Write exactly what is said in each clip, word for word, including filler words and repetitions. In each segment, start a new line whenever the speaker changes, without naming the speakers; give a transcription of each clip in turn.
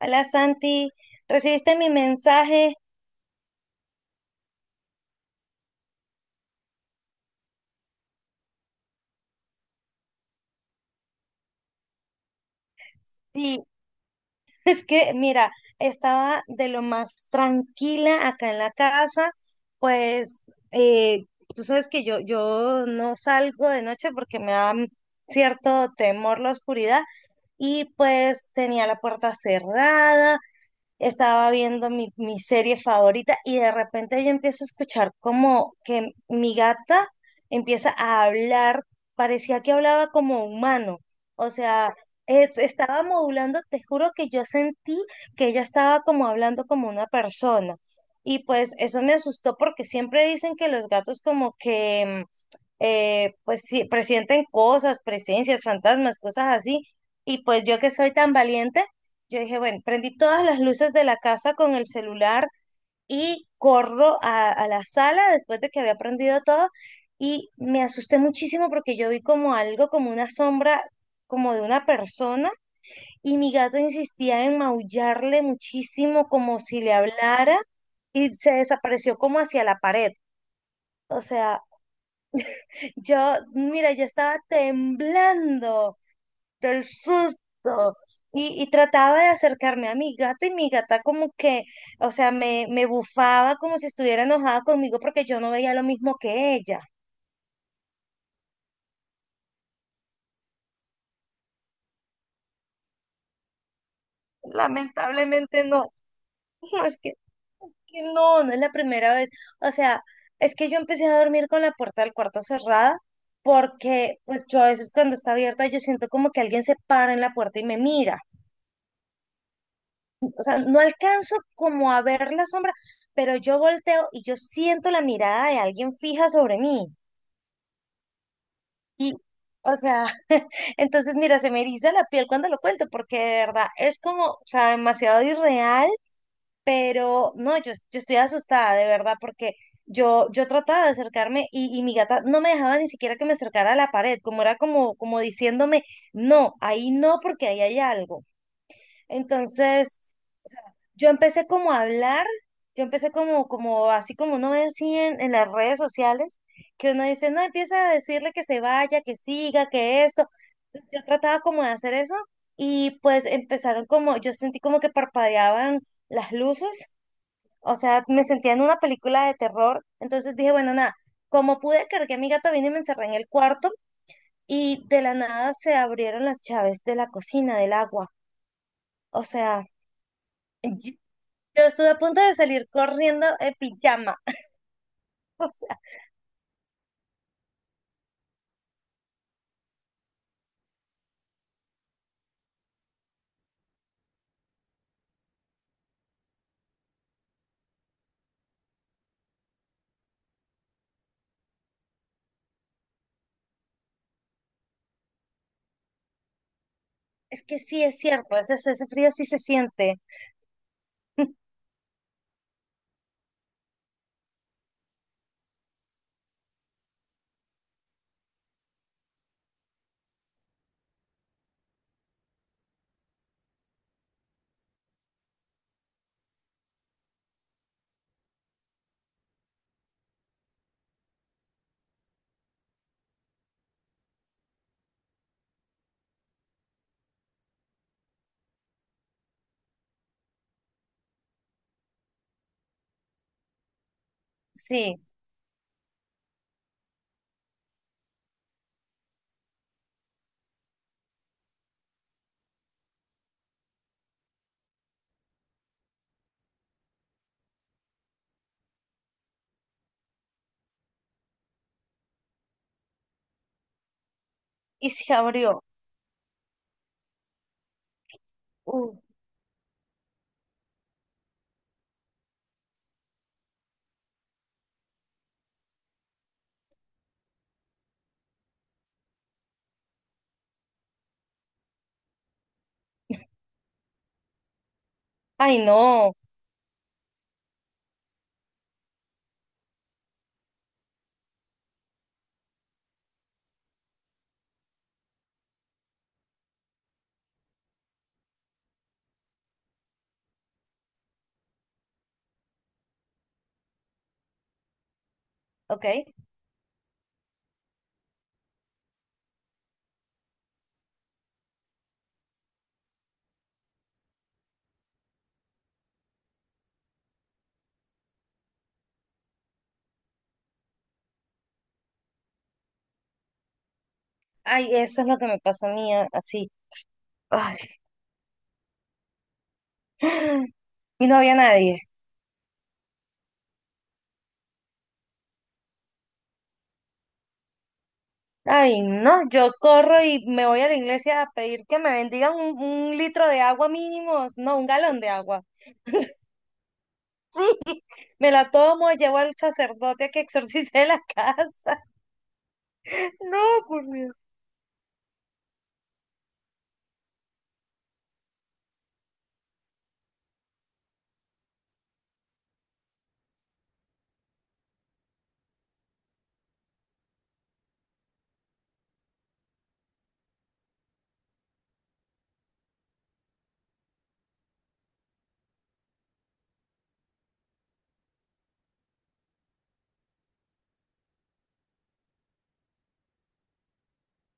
Hola Santi, ¿recibiste mi mensaje? Sí, Es que, mira, estaba de lo más tranquila acá en la casa, pues eh, tú sabes que yo, yo no salgo de noche porque me da cierto temor la oscuridad y pues tenía la puerta cerrada, estaba viendo mi, mi serie favorita y de repente yo empiezo a escuchar como que mi gata empieza a hablar, parecía que hablaba como humano, o sea, es- estaba modulando, te juro que yo sentí que ella estaba como hablando como una persona. Y pues eso me asustó porque siempre dicen que los gatos como que mm, eh, pues sí, presienten cosas, presencias, fantasmas, cosas así. Y pues yo que soy tan valiente, yo dije, bueno, prendí todas las luces de la casa con el celular y corro a, a la sala después de que había prendido todo y me asusté muchísimo porque yo vi como algo, como una sombra, como de una persona y mi gato insistía en maullarle muchísimo como si le hablara y se desapareció como hacia la pared. O sea, yo, mira, yo estaba temblando. El susto. Y, y trataba de acercarme a mi gata y mi gata como que, o sea, me, me bufaba como si estuviera enojada conmigo porque yo no veía lo mismo que ella. Lamentablemente no. No, es que, es que no, no es la primera vez. O sea, es que yo empecé a dormir con la puerta del cuarto cerrada porque pues yo a veces cuando está abierta yo siento como que alguien se para en la puerta y me mira. O sea, no alcanzo como a ver la sombra, pero yo volteo y yo siento la mirada de alguien fija sobre mí. Y, o sea, entonces mira, se me eriza la piel cuando lo cuento, porque de verdad es como, o sea, demasiado irreal, pero no, yo, yo estoy asustada, de verdad, porque yo, yo trataba de acercarme y, y mi gata no me dejaba ni siquiera que me acercara a la pared, como era como, como diciéndome, no, ahí no, porque ahí hay algo. Entonces, yo empecé como a hablar, yo empecé como, como así como uno ve así en, en las redes sociales, que uno dice, no, empieza a decirle que se vaya, que siga, que esto. Yo trataba como de hacer eso y pues empezaron como, yo sentí como que parpadeaban las luces, o sea, me sentía en una película de terror, entonces dije, bueno, nada, como pude, cargué a mi gato, vine y me encerré en el cuarto y de la nada se abrieron las llaves de la cocina, del agua, o sea... Yo estuve a punto de salir corriendo en pijama. O sea, es que sí es cierto, ese, ese frío sí se siente. Sí, y se abrió. Uh, Ay, no. Ok. Ay, eso es lo que me pasó a mí, a- así. Ay. Y no había nadie. Ay, no, yo corro y me voy a la iglesia a pedir que me bendigan un, un litro de agua mínimo, no, un galón de agua. Me la tomo, llevo al sacerdote a que exorcice la casa. No, por Dios.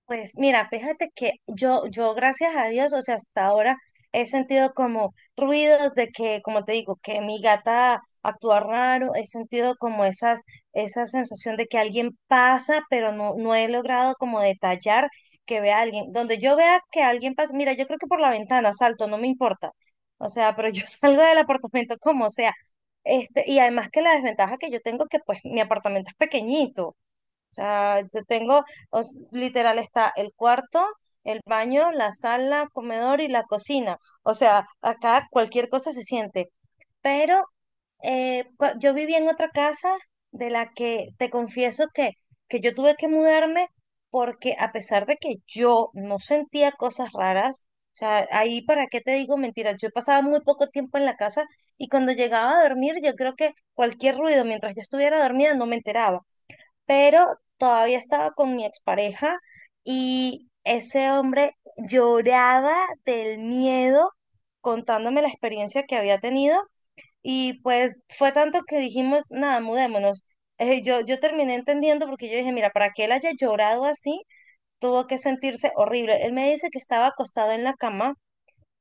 Pues mira, fíjate que yo, yo gracias a Dios, o sea, hasta ahora he sentido como ruidos de que, como te digo, que mi gata actúa raro, he sentido como esas, esa sensación de que alguien pasa, pero no, no he logrado como detallar que vea a alguien. Donde yo vea que alguien pasa, mira, yo creo que por la ventana salto, no me importa. O sea, pero yo salgo del apartamento como sea. Este, y además que la desventaja que yo tengo que pues mi apartamento es pequeñito. O sea, yo tengo, o s- literal está el cuarto, el baño, la sala, comedor y la cocina. O sea, acá cualquier cosa se siente. Pero eh, cua- yo viví en otra casa de la que te confieso que, que yo tuve que mudarme porque a pesar de que yo no sentía cosas raras, o sea, ahí para qué te digo mentiras, yo pasaba muy poco tiempo en la casa y cuando llegaba a dormir yo creo que cualquier ruido mientras yo estuviera dormida no me enteraba pero todavía estaba con mi expareja y ese hombre lloraba del miedo contándome la experiencia que había tenido y pues fue tanto que dijimos, nada, mudémonos. Eh, yo, yo terminé entendiendo porque yo dije, mira, para que él haya llorado así, tuvo que sentirse horrible. Él me dice que estaba acostado en la cama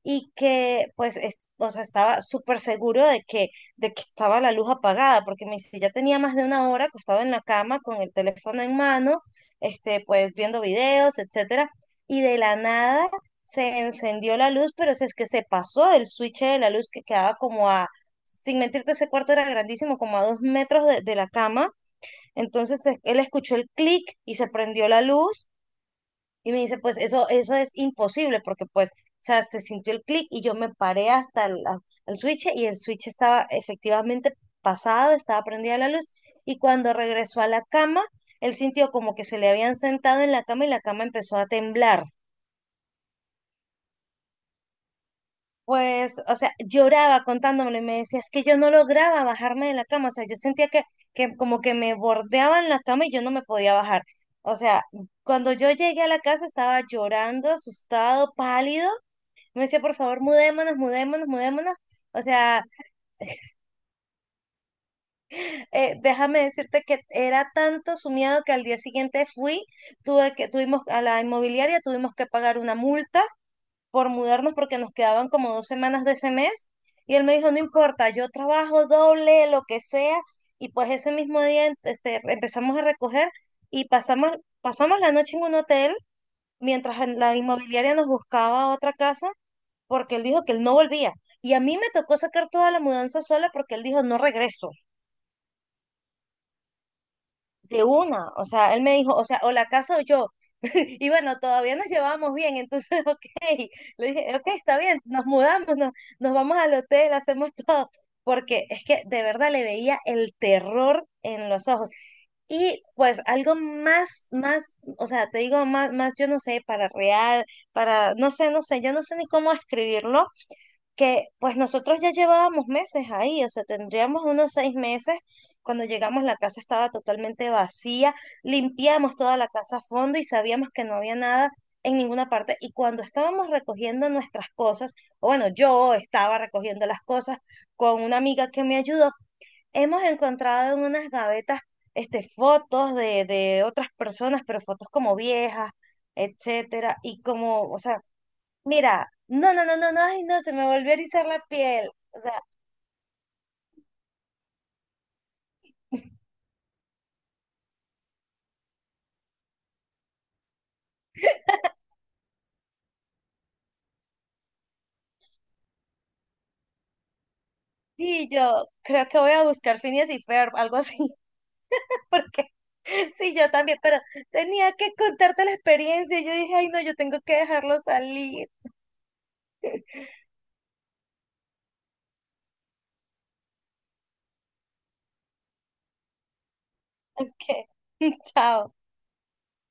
y que pues es- o sea, estaba súper seguro de que, de que estaba la luz apagada, porque me dice, ya tenía más de una hora acostado en la cama con el teléfono en mano, este, pues viendo videos, etcétera, y de la nada se encendió la luz, pero si es que se pasó el switch de la luz que quedaba como a, sin mentirte, ese cuarto era grandísimo, como a dos metros de, de la cama, entonces es- él escuchó el clic y se prendió la luz y me dice, pues eso, eso es imposible porque pues, o sea, se sintió el clic y yo me paré hasta el, a- el switch y el switch estaba efectivamente pasado, estaba prendida la luz y cuando regresó a la cama, él sintió como que se le habían sentado en la cama y la cama empezó a temblar. Pues, o sea, lloraba contándomelo y me decía, es que yo no lograba bajarme de la cama, o sea, yo sentía que, que como que me bordeaban la cama y yo no me podía bajar. O sea, cuando yo llegué a la casa estaba llorando, asustado, pálido. Me decía, por favor, mudémonos, mudémonos, mudémonos. O sea, eh, déjame decirte que era tanto su miedo que al día siguiente fui, tuve que, tuvimos a la inmobiliaria, tuvimos que pagar una multa por mudarnos porque nos quedaban como dos semanas de ese mes. Y él me dijo, no importa, yo trabajo doble, lo que sea. Y pues ese mismo día em- este, empezamos a recoger y pasamos, pasamos la noche en un hotel mientras en la inmobiliaria nos buscaba otra casa porque él dijo que él no volvía. Y a mí me tocó sacar toda la mudanza sola porque él dijo, no regreso, de una. O sea, él me dijo, o sea, o la casa o yo. Y bueno, todavía nos llevábamos bien, entonces, ok, le dije, ok, está bien, nos mudamos, nos, nos vamos al hotel, hacemos todo, porque es que de verdad le veía el terror en los ojos. Y pues algo más, más, o sea, te digo, más, más, yo no sé, para real, para, no sé, no sé, yo no sé ni cómo escribirlo, que pues nosotros ya llevábamos meses ahí, o sea, tendríamos unos seis meses. Cuando llegamos la casa estaba totalmente vacía, limpiamos toda la casa a fondo y sabíamos que no había nada en ninguna parte. Y cuando estábamos recogiendo nuestras cosas, o bueno, yo estaba recogiendo las cosas con una amiga que me ayudó, hemos encontrado en unas gavetas este, fotos de, de otras personas, pero fotos como viejas, etcétera. Y como, o sea, mira, no, no, no, no, no, ay, no, se me volvió a erizar la piel. O sea, sí, yo creo que voy a buscar Phineas y Ferb, algo así, porque sí, yo también, pero tenía que contarte la experiencia. Yo dije, ay, no, yo tengo que dejarlo salir. Ok, chao.